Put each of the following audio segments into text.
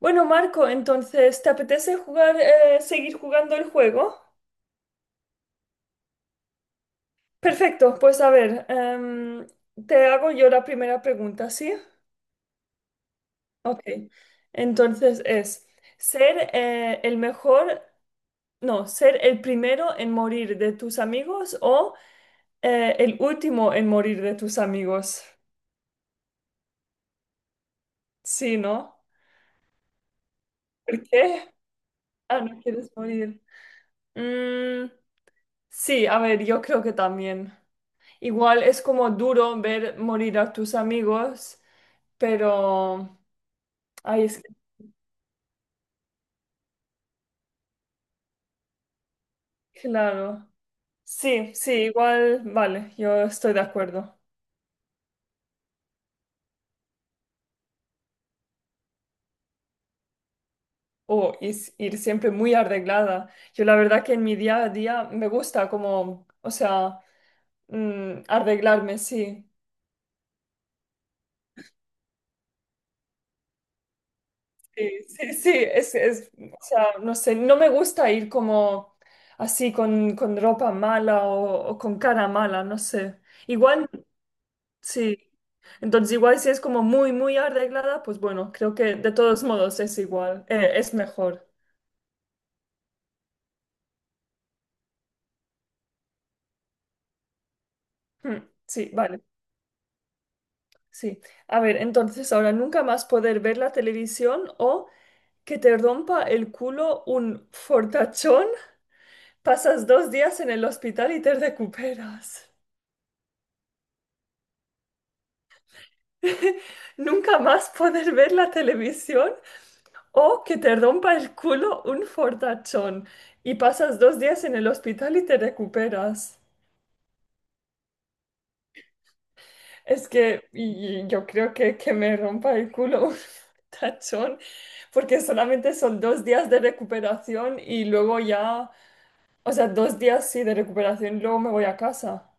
Bueno, Marco, entonces, ¿te apetece jugar, seguir jugando el juego? Perfecto, pues a ver, te hago yo la primera pregunta, ¿sí? Ok, entonces es, ¿ser el mejor, no, ser el primero en morir de tus amigos o el último en morir de tus amigos? Sí, ¿no? ¿Por qué? Ah, no quieres morir. Mm, sí, a ver, yo creo que también. Igual es como duro ver morir a tus amigos, pero. Ay, es que, claro. Sí, sí, igual, vale, yo estoy de acuerdo. O ir siempre muy arreglada. Yo la verdad que en mi día a día me gusta como, o sea, arreglarme, sí. Sí, sí, sí, es, o sea, no sé, no me gusta ir como así con ropa mala o con cara mala, no sé. Igual. Sí. Entonces, igual si es como muy, muy arreglada, pues bueno, creo que de todos modos es igual, es mejor. Hmm. Sí, vale, sí. A ver, entonces ahora nunca más poder ver la televisión o que te rompa el culo un fortachón, pasas 2 días en el hospital y te recuperas. Nunca más poder ver la televisión o que te rompa el culo un fortachón y pasas 2 días en el hospital y te recuperas. Es que yo creo que, me rompa el culo un tachón, porque solamente son 2 días de recuperación y luego ya, o sea, 2 días sí de recuperación, luego me voy a casa.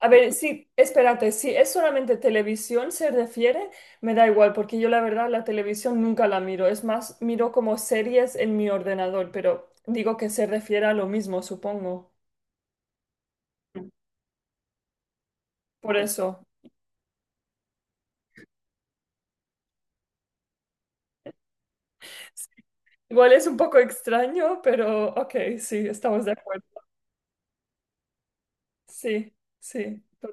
A ver, sí, espérate, si es solamente televisión se refiere, me da igual, porque yo la verdad la televisión nunca la miro, es más, miro como series en mi ordenador, pero digo que se refiere a lo mismo, supongo. Por eso. Igual es un poco extraño, pero ok, sí, estamos de acuerdo. Sí, sí.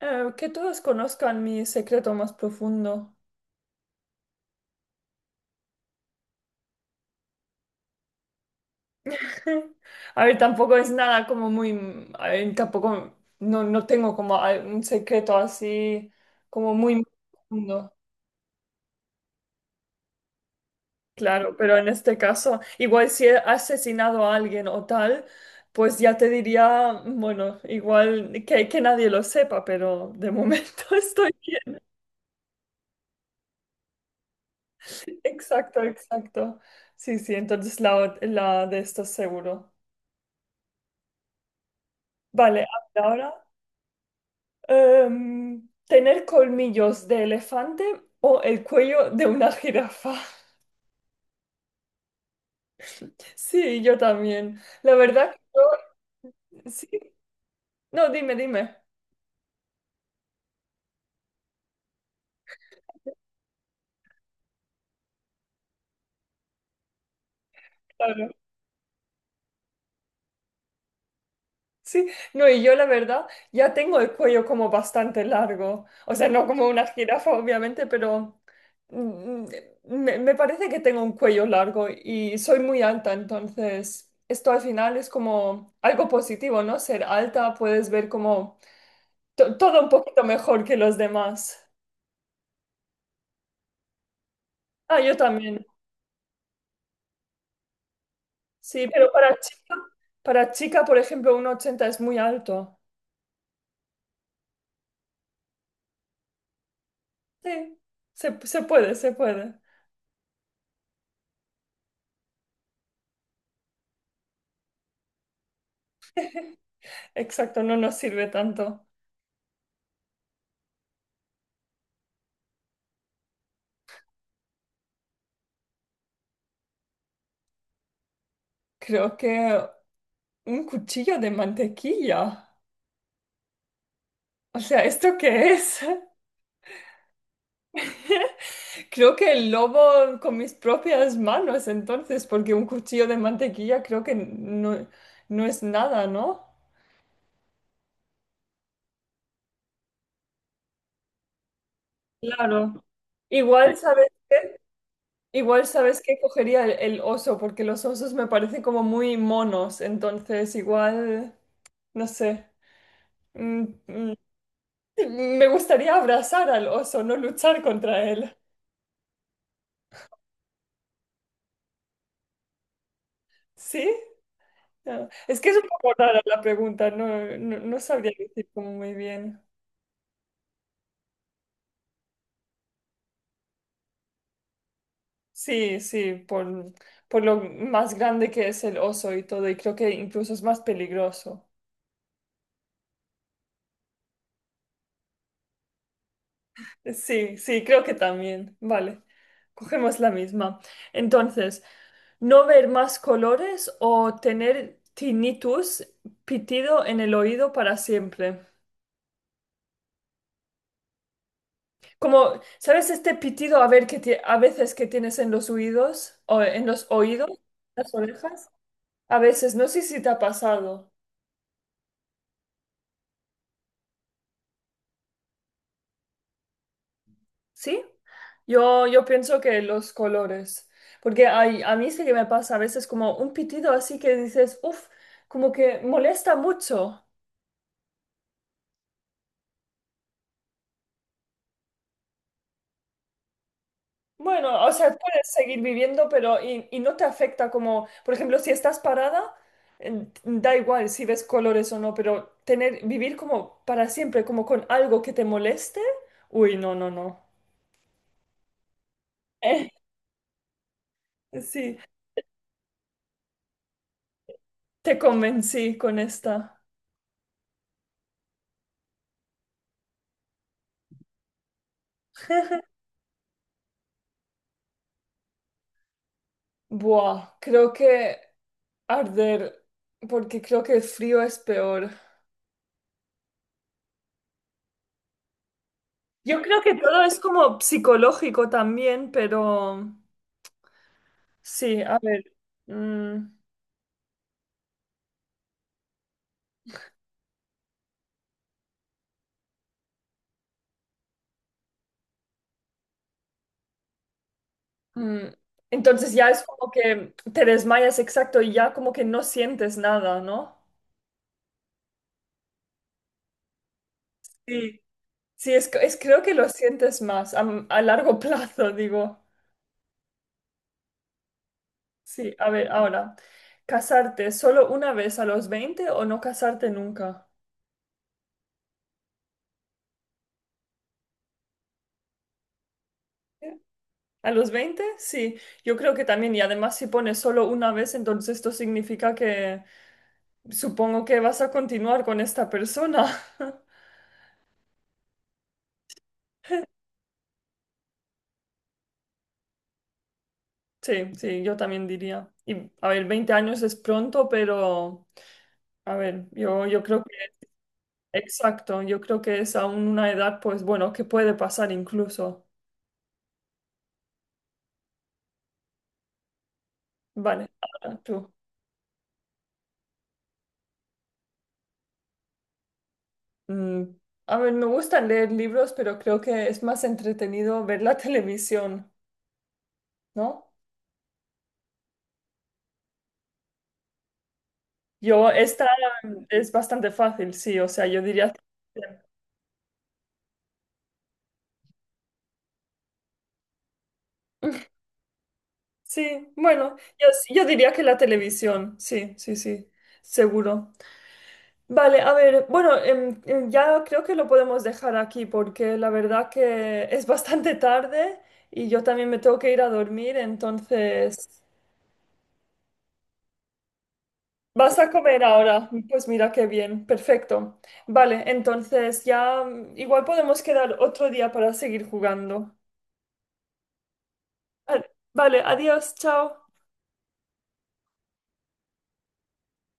Que todos conozcan mi secreto más profundo. A ver, tampoco es nada como muy, a ver, tampoco, no, no tengo como un secreto así como muy profundo. Claro, pero en este caso, igual si he asesinado a alguien o tal, pues ya te diría, bueno, igual que, nadie lo sepa, pero de momento estoy bien. Exacto, exacto. Sí, sí, entonces la de esto seguro. Vale, habla ahora. ¿Tener colmillos de elefante o el cuello de una jirafa? Sí, yo también. La verdad que yo, sí. No, dime, dime. Claro. Sí, no, y yo la verdad ya tengo el cuello como bastante largo. O sea, no como una jirafa, obviamente, pero mm, me parece que tengo un cuello largo y soy muy alta, entonces esto al final es como algo positivo, ¿no? Ser alta, puedes ver como todo un poquito mejor que los demás. Ah, yo también. Sí, pero para chica, por ejemplo, 1,80 es muy alto. Sí, se puede, se puede. Exacto, no nos sirve tanto. Creo que un cuchillo de mantequilla. O sea, ¿esto qué es? Creo que el lobo con mis propias manos, entonces, porque un cuchillo de mantequilla creo que no, no es nada, ¿no? Claro. Igual, ¿sabes? Igual sabes que cogería el oso, porque los osos me parecen como muy monos, entonces igual, no sé. Mm, mm, me gustaría abrazar al oso, no luchar contra él. ¿Sí? Ah, es que es un poco rara la pregunta, no, no, no sabría decir como muy bien. Sí, sí, por lo más grande que es el oso y todo, y creo que incluso es más peligroso. Sí, sí, creo que también. Vale, cogemos la misma. Entonces. No ver más colores o tener tinnitus, pitido en el oído para siempre. Como, ¿sabes este pitido a ver que a veces que tienes en los oídos o en los oídos, las orejas? A veces, no sé si te ha pasado. ¿Sí? Yo pienso que los colores, porque a mí sí que me pasa a veces como un pitido así que dices, uff, como que molesta mucho. Bueno, o sea, puedes seguir viviendo, pero y no te afecta como, por ejemplo, si estás parada, da igual si ves colores o no, pero tener, vivir como para siempre, como con algo que te moleste, uy, no, no, no. Sí, te convencí con esta. Buah, creo que arder, porque creo que el frío es peor. Yo creo que todo es como psicológico también, pero sí, a ver. Mm. Mm. Entonces ya es como que te desmayas exacto y ya como que no sientes nada, ¿no? Sí, sí, es creo que lo sientes más a largo plazo, digo. Sí, a ver, ahora, ¿casarte solo una vez a los 20 o no casarte nunca? ¿A los veinte? Sí, yo creo que también, y además si pones solo una vez, entonces esto significa que supongo que vas a continuar con esta persona. Sí, sí, yo también diría. Y a ver, 20 años es pronto, pero a ver, yo creo que, exacto, yo creo que es aún una edad, pues bueno, que puede pasar incluso. Vale, ahora tú. Mm, a ver, me gusta leer libros, pero creo que es más entretenido ver la televisión, ¿no? Yo, esta es bastante fácil, sí, o sea, yo diría, sí, bueno, yo diría que la televisión, sí, sí, sí, seguro. Vale, a ver, bueno, ya creo que lo podemos dejar aquí porque la verdad que es bastante tarde y yo también me tengo que ir a dormir, entonces. ¿Vas a comer ahora? Pues mira qué bien, perfecto. Vale, entonces ya igual podemos quedar otro día para seguir jugando. Vale, vale, adiós, chao.